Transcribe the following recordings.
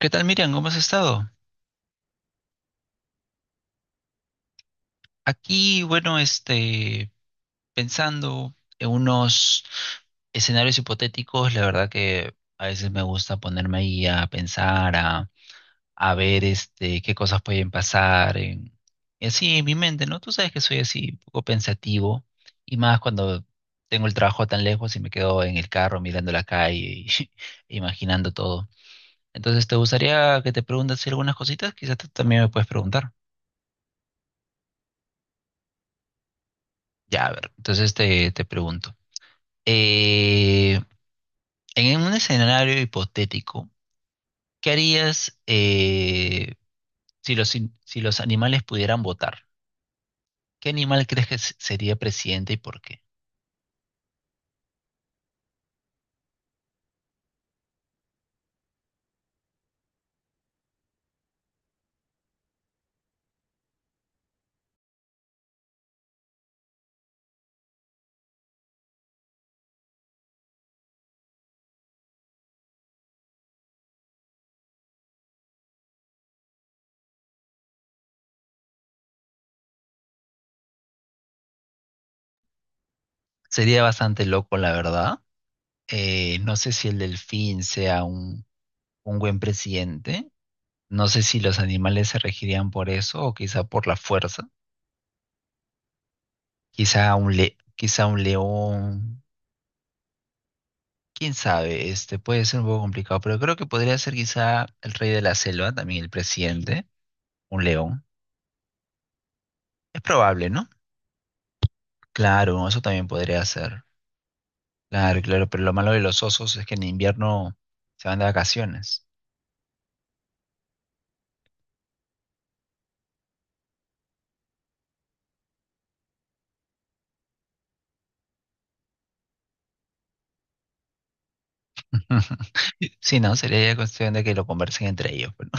¿Qué tal, Miriam? ¿Cómo has estado? Aquí, bueno, pensando en unos escenarios hipotéticos. La verdad que a veces me gusta ponerme ahí a pensar, a ver, qué cosas pueden pasar, y así en mi mente, ¿no? Tú sabes que soy así, un poco pensativo, y más cuando tengo el trabajo tan lejos y me quedo en el carro mirando la calle y imaginando todo. Entonces, ¿te gustaría que te preguntas algunas cositas? Quizás tú también me puedes preguntar. Ya, a ver, entonces te pregunto. eh, en un escenario hipotético, ¿qué harías si si los animales pudieran votar? ¿Qué animal crees que sería presidente y por qué? Sería bastante loco, la verdad. No sé si el delfín sea un buen presidente. No sé si los animales se regirían por eso o quizá por la fuerza. Quizá quizá un león. Quién sabe, este puede ser un poco complicado, pero creo que podría ser quizá el rey de la selva, también el presidente, un león. Es probable, ¿no? Claro, eso también podría ser. Claro, claro, pero lo malo de los osos es que en invierno se van de vacaciones. Sí, no, sería ya cuestión de que lo conversen entre ellos, pues, ¿no?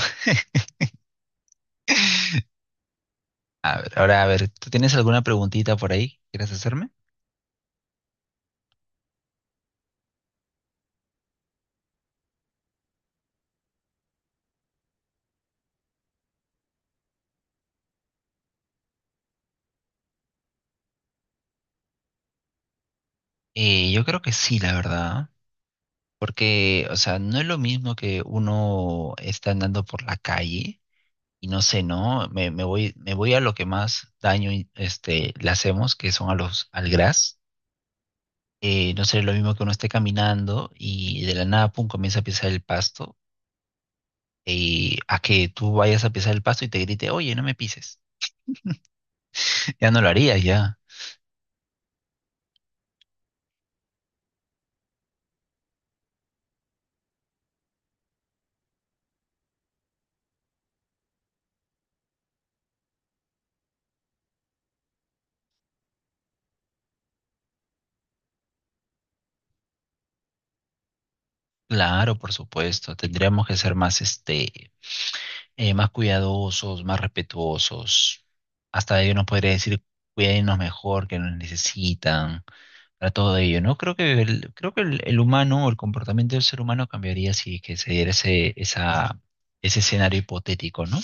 A ver, ahora, a ver, ¿tú tienes alguna preguntita por ahí que quieras hacerme? Yo creo que sí, la verdad, porque, o sea, no es lo mismo que uno está andando por la calle. Y no sé, ¿no? Me voy, me voy a lo que más daño y, este, le hacemos, que son a los, al gras. No sé, lo mismo que uno esté caminando y de la nada, pum, comienza a pisar el pasto. Y a que tú vayas a pisar el pasto y te grite, oye, no me pises. Ya no lo harías, ya. Claro, por supuesto. Tendríamos que ser más, este, más cuidadosos, más respetuosos. Hasta ellos nos podría decir, cuídenos mejor, que nos necesitan, para todo ello, ¿no? Creo que el humano o el comportamiento del ser humano cambiaría si que se diera esa, ese escenario hipotético, ¿no?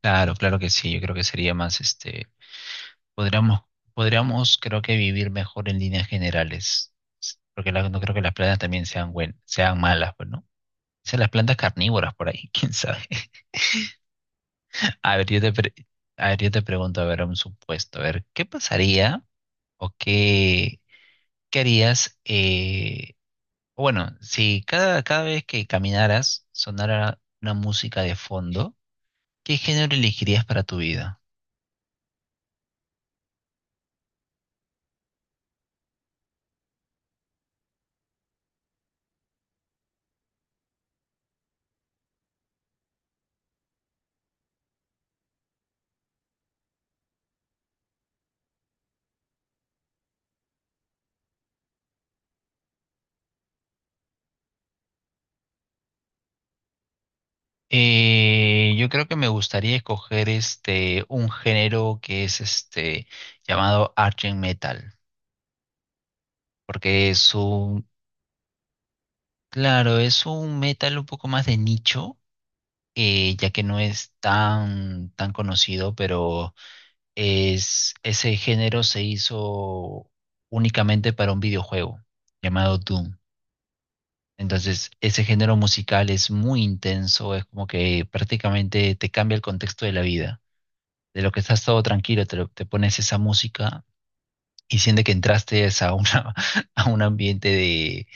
Claro, claro que sí, yo creo que sería más, este, podríamos, podríamos, creo que vivir mejor en líneas generales, porque no creo que las plantas también sean buen, sean malas, pues, ¿no? Sean las plantas carnívoras por ahí, quién sabe. A ver, a ver, yo te pregunto, a ver, un supuesto, a ver, ¿qué pasaría o qué, qué harías? Bueno, si cada vez que caminaras sonara una música de fondo, ¿qué género elegirías para tu vida? Yo creo que me gustaría escoger este un género que es este llamado Argent Metal, porque es un, claro, es un metal un poco más de nicho, ya que no es tan conocido, pero es, ese género se hizo únicamente para un videojuego llamado Doom. Entonces, ese género musical es muy intenso, es como que prácticamente te cambia el contexto de la vida. De lo que estás todo tranquilo, te pones esa música y sientes que entraste a, una, a un ambiente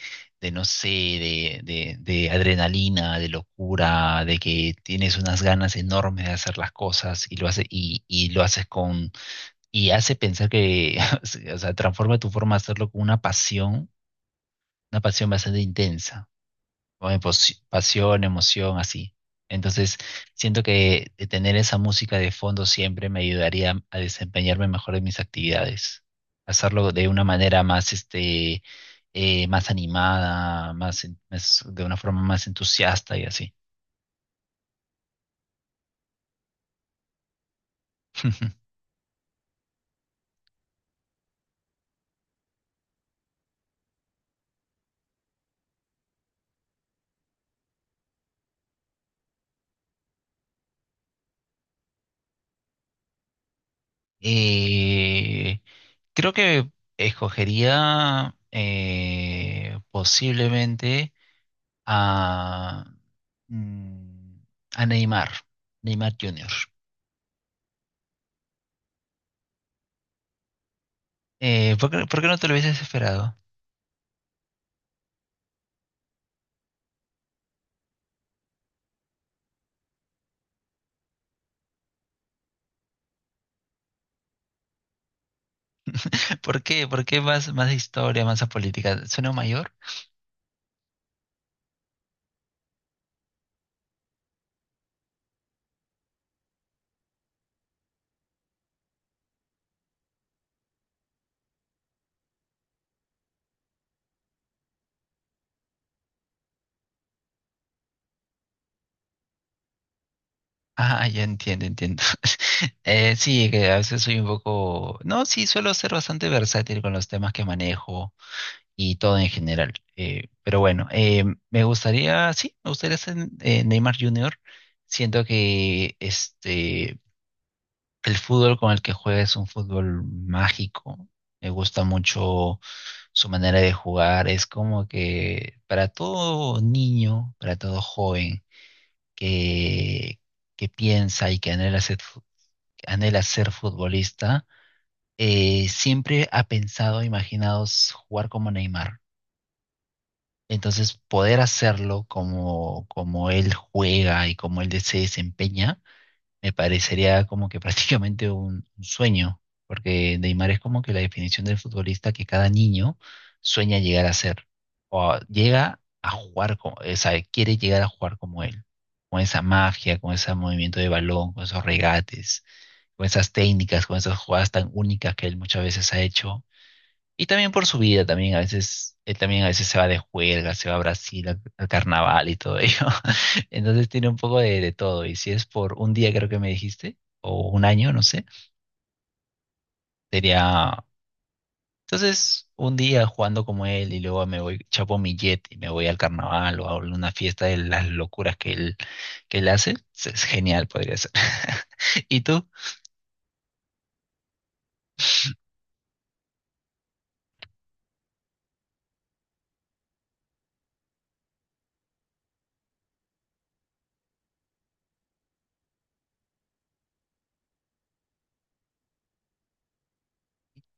de no sé, de adrenalina, de locura, de que tienes unas ganas enormes de hacer las cosas y lo hace, y lo haces con, y hace pensar que, o sea, transforma tu forma de hacerlo con una pasión bastante intensa con pasión, emoción, así. Entonces, siento que de tener esa música de fondo siempre me ayudaría a desempeñarme mejor en mis actividades, hacerlo de una manera más, este, más animada, más, de una forma más entusiasta y así. Eh, creo que escogería posiblemente a, mm, a Neymar, Neymar Jr. Por qué no te lo hubieses esperado? ¿Por qué? ¿Por qué más, más historia, más a política? ¿Suena mayor? Ah, ya entiendo, entiendo. Sí, que a veces soy un poco... No, sí, suelo ser bastante versátil con los temas que manejo y todo en general. Pero bueno, me gustaría, sí, me gustaría ser Neymar Jr. Siento que este, el fútbol con el que juega es un fútbol mágico. Me gusta mucho su manera de jugar. Es como que para todo niño, para todo joven que, que piensa y que anhela ser, que anhela ser futbolista, siempre ha pensado, imaginado jugar como Neymar. Entonces, poder hacerlo como, como él juega y como él se desempeña me parecería como que prácticamente un sueño, porque Neymar es como que la definición del futbolista que cada niño sueña llegar a ser, llega a jugar, como, o sea, quiere llegar a jugar como él, con esa magia, con ese movimiento de balón, con esos regates, con esas técnicas, con esas jugadas tan únicas que él muchas veces ha hecho y también por su vida, también a veces, él también a veces se va de juerga, se va a Brasil al, al carnaval y todo ello. Entonces tiene un poco de todo. Y si es por un día, creo que me dijiste, o un año, no sé, sería... Entonces, un día jugando como él y luego me voy, chapo mi jet y me voy al carnaval o a una fiesta de las locuras que que él hace, es genial, podría ser. ¿Y tú?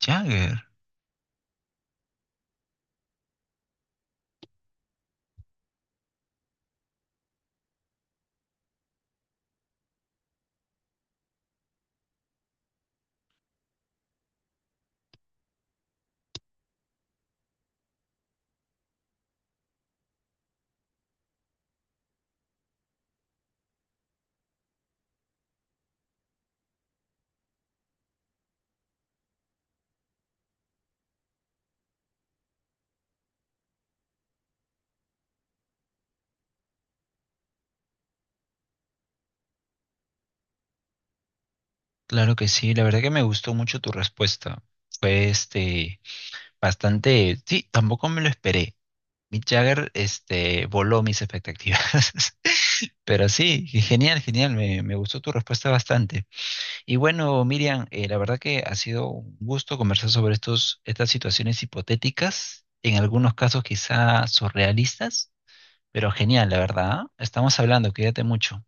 Jagger, claro que sí, la verdad que me gustó mucho tu respuesta. Fue este... Bastante, sí, tampoco me lo esperé. Mick Jagger, este, voló mis expectativas. Pero sí, genial, genial, me gustó tu respuesta bastante. Y bueno, Miriam, la verdad que ha sido un gusto conversar sobre estas situaciones hipotéticas, en algunos casos quizá surrealistas, pero genial, la verdad. ¿Ah? Estamos hablando, cuídate mucho.